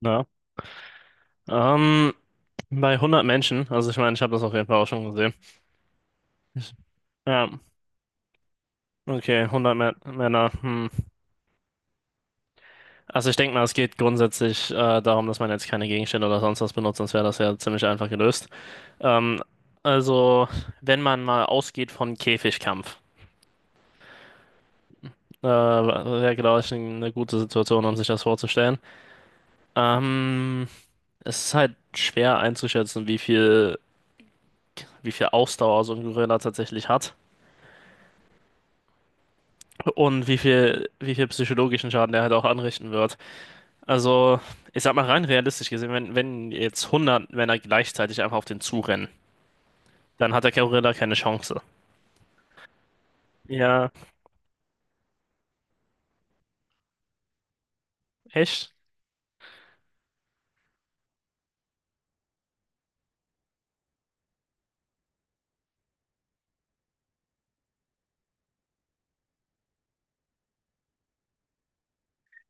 Ja. Ähm, Bei 100 Menschen, also ich meine, ich habe das auf jeden Fall auch schon gesehen. Ich, ja, okay, hundert Mä Männer. Hm. Also ich denke mal, es geht grundsätzlich darum, dass man jetzt keine Gegenstände oder sonst was benutzt, sonst wäre das ja ziemlich einfach gelöst. Ähm, also, wenn man mal ausgeht von Käfigkampf, wäre, glaube ich, eine gute Situation, um sich das vorzustellen. Ähm, Es ist halt schwer einzuschätzen, wie viel Ausdauer so ein Gorilla tatsächlich hat, und wie viel psychologischen Schaden der halt auch anrichten wird. Also, ich sag mal rein realistisch gesehen, wenn jetzt 100 Männer gleichzeitig einfach auf den zurennen, dann hat der Gorilla keine Chance. Ja, echt?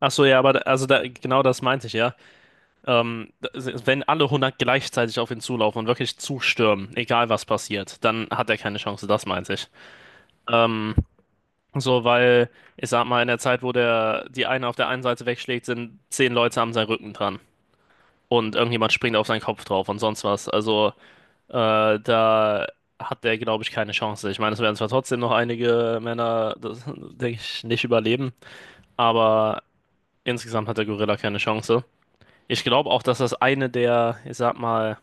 Ach so, ja, aber genau das meinte ich ja. Wenn alle 100 gleichzeitig auf ihn zulaufen und wirklich zustürmen, egal was passiert, dann hat er keine Chance, das meinte ich. Ähm, so, weil ich sag mal, in der Zeit, wo der die eine auf der einen Seite wegschlägt, sind 10 Leute am seinen Rücken dran, und irgendjemand springt auf seinen Kopf drauf und sonst was. Also da hat der, glaube ich, keine Chance. Ich meine, es werden zwar trotzdem noch einige Männer, das, denke ich, nicht überleben, aber insgesamt hat der Gorilla keine Chance. Ich glaube auch, dass das eine der, ich sag mal,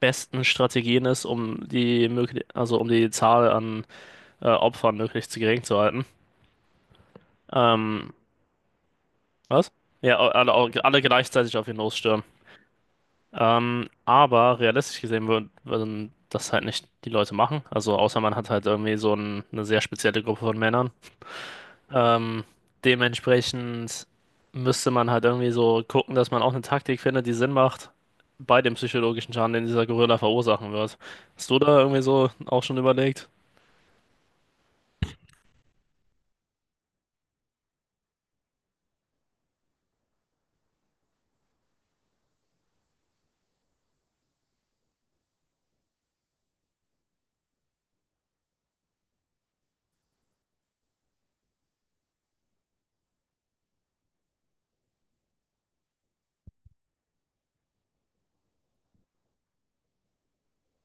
besten Strategien ist, um die möglich, also um die Zahl an Opfern möglichst gering zu halten. Ähm, Was? Ja, alle, alle gleichzeitig auf ihn losstürmen. Aber realistisch gesehen würden das halt nicht die Leute machen. Also außer man hat halt irgendwie eine sehr spezielle Gruppe von Männern. Ähm, Dementsprechend müsste man halt irgendwie so gucken, dass man auch eine Taktik findet, die Sinn macht bei dem psychologischen Schaden, den dieser Gorilla verursachen wird. Hast du da irgendwie so auch schon überlegt?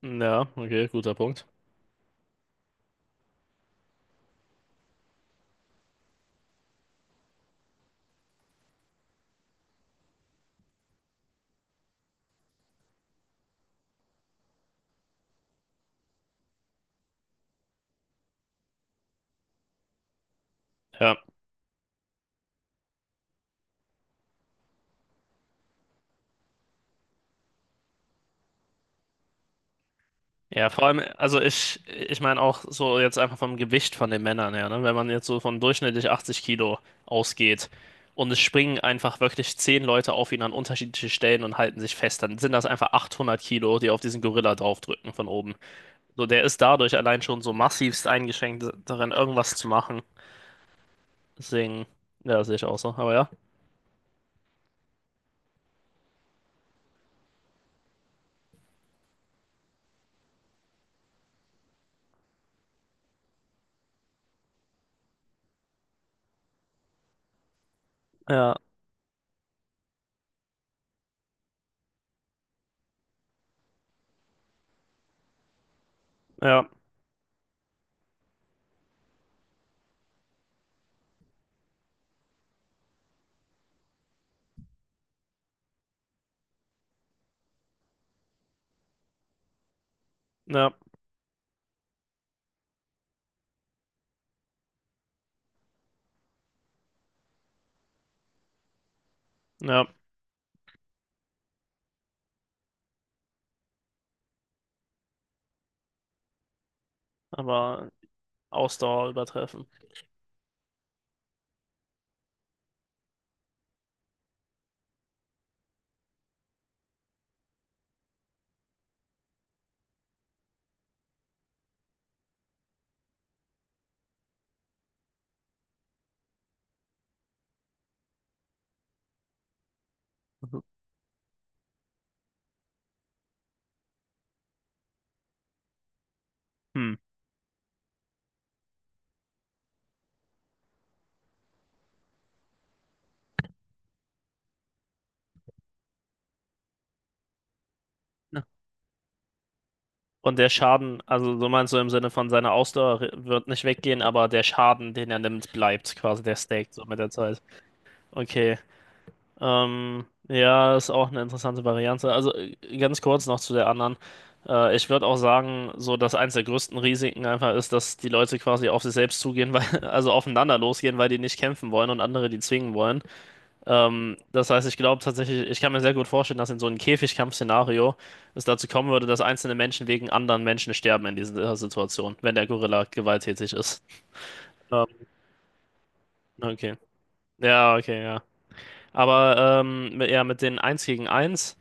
Ja, okay, guter Punkt. Ja. Ja, vor allem, also ich meine auch so jetzt einfach vom Gewicht von den Männern her, ne? Wenn man jetzt so von durchschnittlich 80 Kilo ausgeht und es springen einfach wirklich 10 Leute auf ihn an unterschiedliche Stellen und halten sich fest, dann sind das einfach 800 Kilo, die auf diesen Gorilla draufdrücken von oben. So, der ist dadurch allein schon so massivst eingeschränkt darin, irgendwas zu machen. Deswegen, ja, sehe ich auch so. Aber ja, ja, ja, ja, ja, aber Ausdauer übertreffen. Hm. Und der Schaden, also so meinst du im Sinne von seiner Ausdauer wird nicht weggehen, aber der Schaden, den er nimmt, bleibt quasi, der stackt so mit der Zeit. Okay. Ja, ist auch eine interessante Variante. Also ganz kurz noch zu der anderen. Ich würde auch sagen, so dass eins der größten Risiken einfach ist, dass die Leute quasi auf sich selbst zugehen, weil, also aufeinander losgehen, weil die nicht kämpfen wollen und andere die zwingen wollen. Das heißt, ich glaube tatsächlich, ich kann mir sehr gut vorstellen, dass in so einem Käfigkampfszenario es dazu kommen würde, dass einzelne Menschen wegen anderen Menschen sterben in dieser Situation, wenn der Gorilla gewalttätig ist. Ähm, okay. Ja, okay, ja. Aber ja, mit den Eins gegen Eins,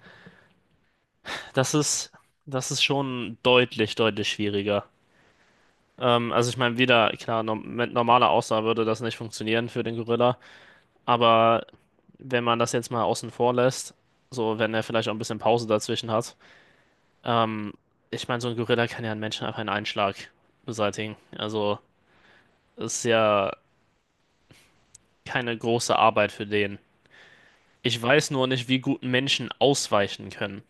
das ist, das ist schon deutlich, deutlich schwieriger. Also ich meine, wieder, klar, no mit normaler Ausdauer würde das nicht funktionieren für den Gorilla, aber wenn man das jetzt mal außen vor lässt, so wenn er vielleicht auch ein bisschen Pause dazwischen hat. Ähm, Ich meine, so ein Gorilla kann ja einen Menschen einfach in einen Schlag beseitigen. Also, das ist ja keine große Arbeit für den. Ich weiß nur nicht, wie gut Menschen ausweichen können.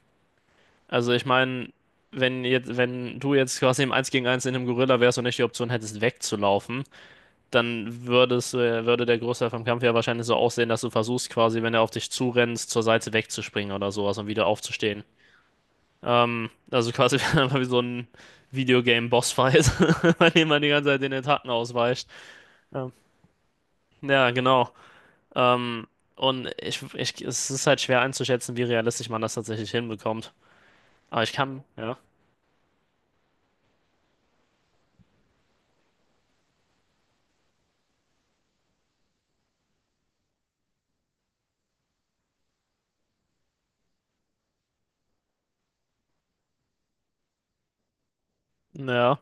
Also, ich meine, wenn du jetzt quasi im Eins gegen Eins in einem Gorilla wärst und nicht die Option hättest, wegzulaufen, dann würde der Großteil vom Kampf ja wahrscheinlich so aussehen, dass du versuchst, quasi, wenn er auf dich zurennt, zur Seite wegzuspringen oder sowas und wieder aufzustehen. Also quasi einfach wie so ein Videogame-Bossfight, bei dem man die ganze Zeit den Attacken ausweicht. Ähm, ja, genau. Ähm, und es ist halt schwer einzuschätzen, wie realistisch man das tatsächlich hinbekommt. Aber ich kann, ja, ja,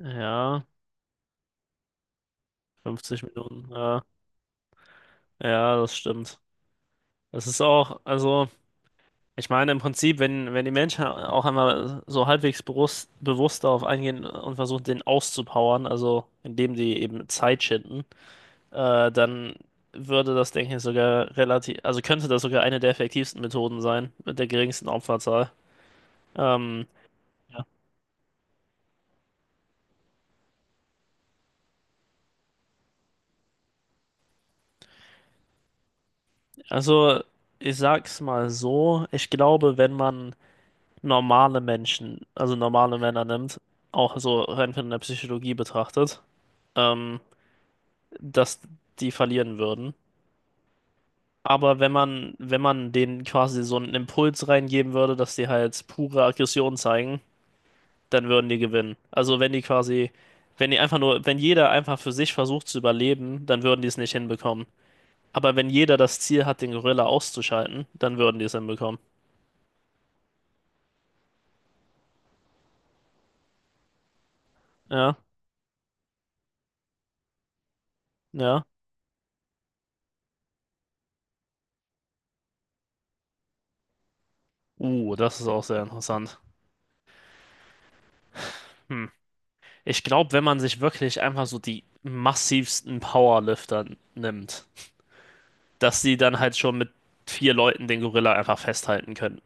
ja, 50 Minuten, ja, ja, das stimmt. Das ist auch, also, ich meine, im Prinzip, wenn die Menschen auch einmal so halbwegs bewusst darauf eingehen und versuchen, den auszupowern, also indem sie eben Zeit schinden, dann würde das, denke ich, sogar relativ, also könnte das sogar eine der effektivsten Methoden sein, mit der geringsten Opferzahl. Ähm, Ja. Also, ich sag's mal so, ich glaube, wenn man normale Menschen, also normale Männer nimmt, auch so rein von der Psychologie betrachtet, ähm, dass die verlieren würden. Aber wenn man denen quasi so einen Impuls reingeben würde, dass die halt pure Aggression zeigen, dann würden die gewinnen. Also wenn die quasi, wenn die einfach nur, wenn jeder einfach für sich versucht zu überleben, dann würden die es nicht hinbekommen. Aber wenn jeder das Ziel hat, den Gorilla auszuschalten, dann würden die es hinbekommen. Ja, ja. Das ist auch sehr interessant. Hm. Ich glaube, wenn man sich wirklich einfach so die massivsten Powerlifter nimmt, dass die dann halt schon mit vier Leuten den Gorilla einfach festhalten können.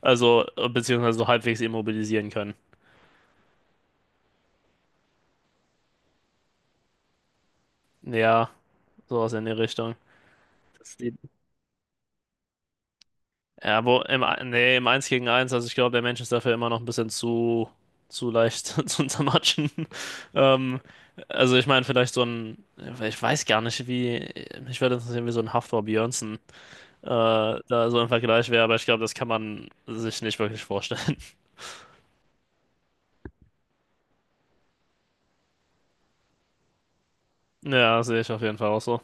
Also, beziehungsweise so halbwegs immobilisieren können. Ja, sowas in die Richtung. Dass die ja, nee, im eins gegen eins, also ich glaube, der Mensch ist dafür immer noch ein bisschen zu leicht zu zermatschen. Ähm, also ich meine, vielleicht ich weiß gar nicht, wie, mich würde interessieren, wie so ein Hafþór Björnsson äh, da so im Vergleich wäre, aber ich glaube, das kann man sich nicht wirklich vorstellen. Ja, sehe ich auf jeden Fall auch so.